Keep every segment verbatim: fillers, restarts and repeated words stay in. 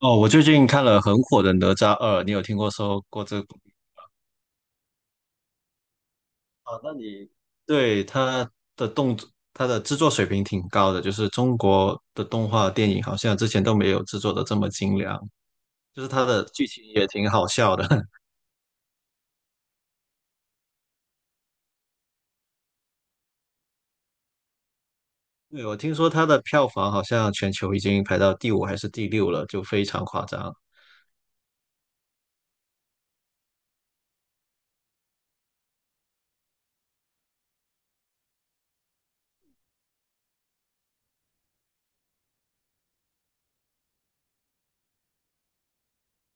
哦，我最近看了很火的《哪吒二》，你有听过说过这个故事？哦，那你对它的动作，它的制作水平挺高的，就是中国的动画电影好像之前都没有制作的这么精良，就是它的剧情也挺好笑的。对，我听说它的票房好像全球已经排到第五还是第六了，就非常夸张。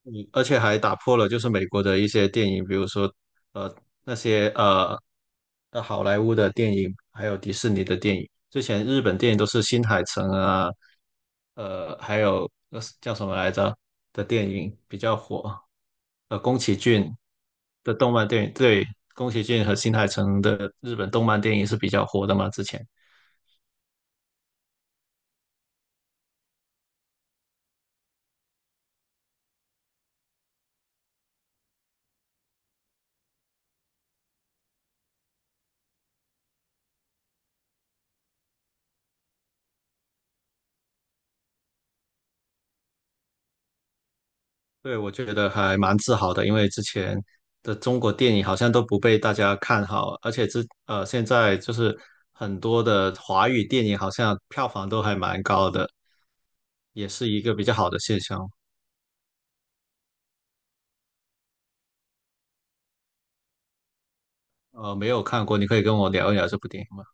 嗯，而且还打破了就是美国的一些电影，比如说呃那些呃呃好莱坞的电影，还有迪士尼的电影。之前日本电影都是新海诚啊，呃还有呃叫什么来着的电影比较火，呃宫崎骏的动漫电影，对，宫崎骏和新海诚的日本动漫电影是比较火的嘛，之前。对，我觉得还蛮自豪的，因为之前的中国电影好像都不被大家看好，而且之呃现在就是很多的华语电影好像票房都还蛮高的，也是一个比较好的现象。呃，没有看过，你可以跟我聊一聊这部电影吗？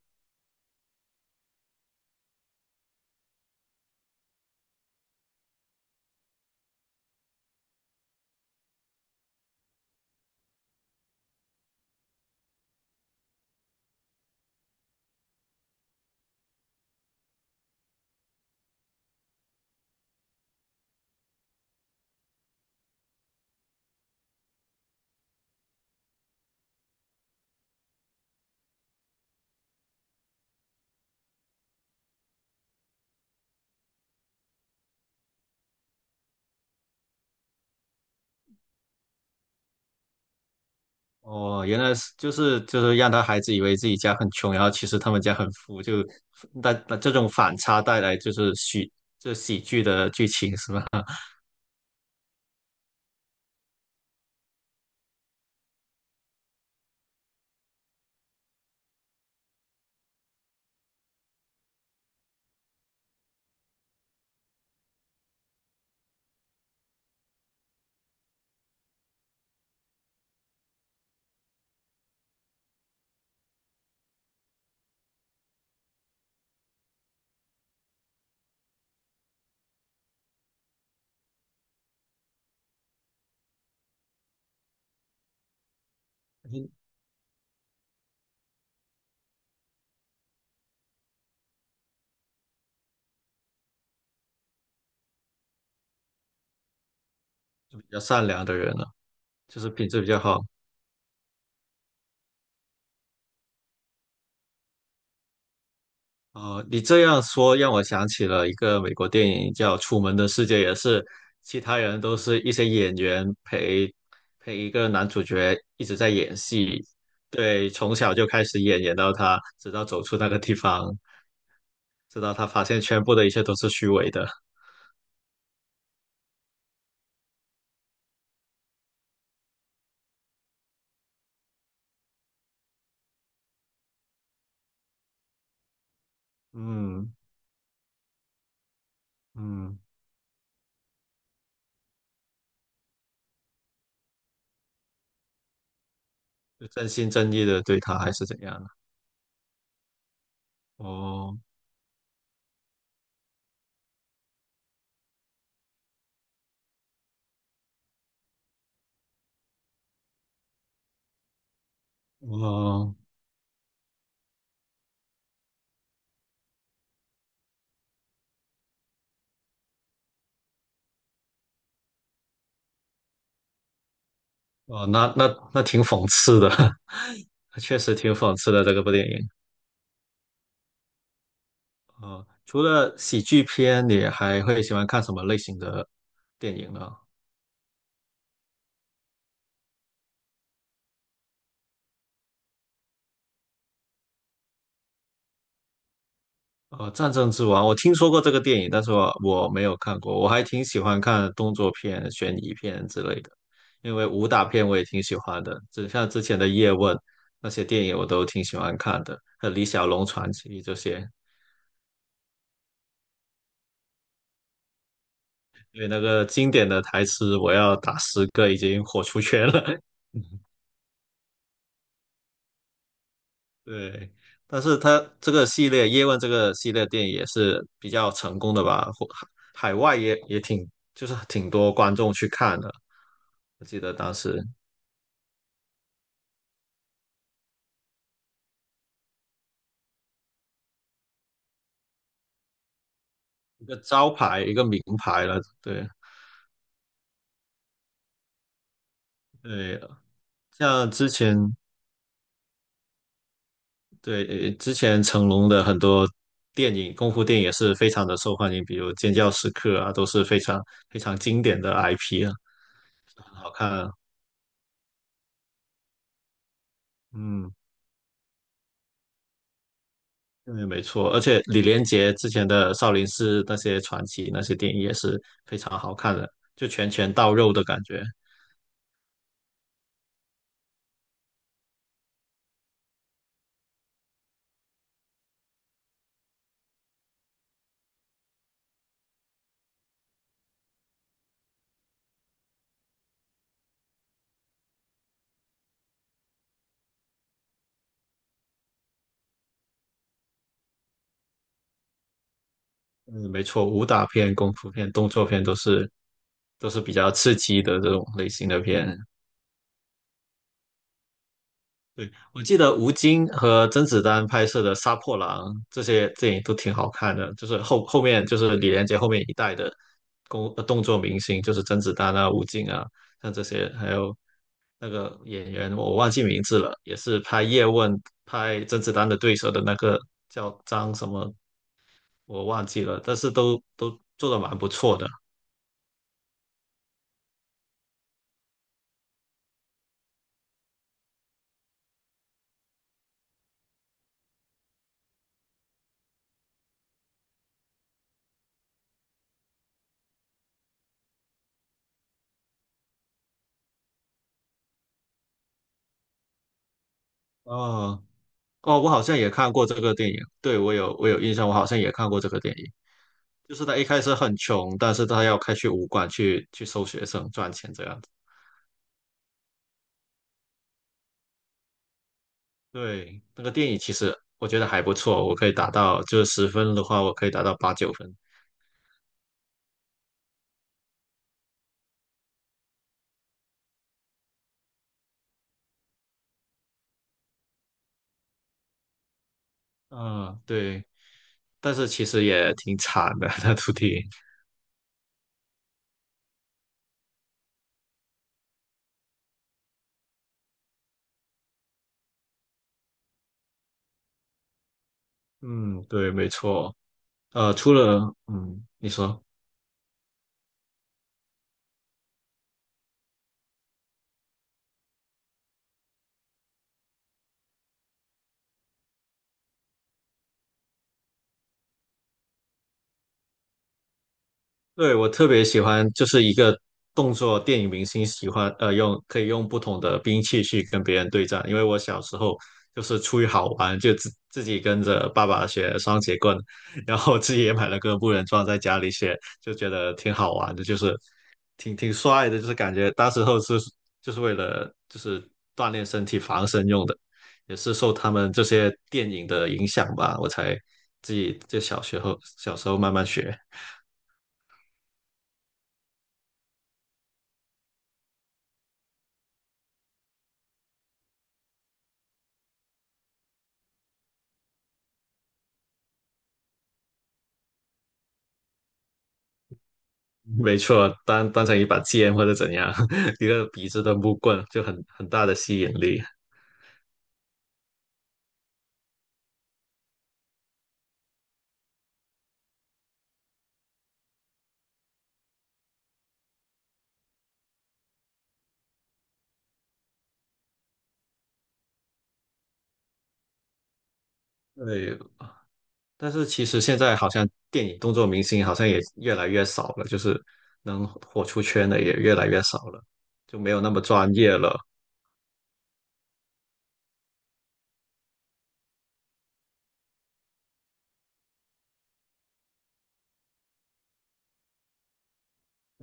哦，原来是就是就是让他孩子以为自己家很穷，然后其实他们家很富，就那那这种反差带来就是喜这喜剧的剧情是吧？比较善良的人了，就是品质比较好。哦，你这样说让我想起了一个美国电影叫《楚门的世界》，也是其他人都是一些演员陪陪一个男主角一直在演戏，对，从小就开始演，演到他直到走出那个地方，直到他发现全部的一切都是虚伪的，嗯嗯，就真心真意的对他还是怎样？哦哦哦，那那那挺讽刺的，确实挺讽刺的这个部电影。呃，除了喜剧片，你还会喜欢看什么类型的电影呢？呃，《战争之王》我听说过这个电影，但是我我没有看过。我还挺喜欢看动作片、悬疑片之类的，因为武打片我也挺喜欢的，就像之前的《叶问》那些电影我都挺喜欢看的，还有《李小龙传奇》这些，因为那个经典的台词"我要打十个"已经火出圈了。对，但是它这个系列《叶问》这个系列电影也是比较成功的吧？或海海外也也挺，就是挺多观众去看的。我记得当时一个招牌，一个名牌了。对对，像之前对之前成龙的很多电影，功夫电影也是非常的受欢迎，比如《尖叫时刻》啊，都是非常非常经典的 I P 啊，很好看啊。嗯。对，没错，而且李连杰之前的少林寺那些传奇那些电影也是非常好看的，就拳拳到肉的感觉。嗯，没错，武打片、功夫片、动作片都是都是比较刺激的这种类型的片。对，我记得吴京和甄子丹拍摄的《杀破狼》这些电影都挺好看的，就是后后面就是李连杰后面一代的功呃动作明星，就是甄子丹啊、吴京啊，像这些，还有那个演员，我忘记名字了，也是拍叶问、拍甄子丹的对手的那个叫张什么，我忘记了，但是都都做的蛮不错的。哦哦，我好像也看过这个电影，对，我有我有印象，我好像也看过这个电影。就是他一开始很穷，但是他要开去武馆去去收学生赚钱这样子。对，那个电影其实我觉得还不错，我可以打到就是十分的话，我可以打到八九分。嗯，对，但是其实也挺惨的 那徒弟。嗯，对，没错。呃，除了嗯，你说。对，我特别喜欢，就是一个动作电影明星喜欢呃用可以用不同的兵器去跟别人对战，因为我小时候就是出于好玩，就自自己跟着爸爸学双截棍，然后自己也买了个木人桩在家里学，就觉得挺好玩的，就是挺挺帅的，就是感觉当时候是就是为了就是锻炼身体防身用的，也是受他们这些电影的影响吧，我才自己就小学后小时候慢慢学。没错，当当成一把剑或者怎样，一个笔直的木棍就很很大的吸引力。对，但是其实现在好像电影动作明星好像也越来越少了，就是能火出圈的也越来越少了，就没有那么专业了。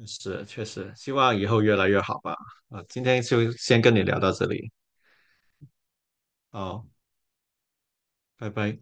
是，确实，希望以后越来越好吧。啊，今天就先跟你聊到这里，好，拜拜。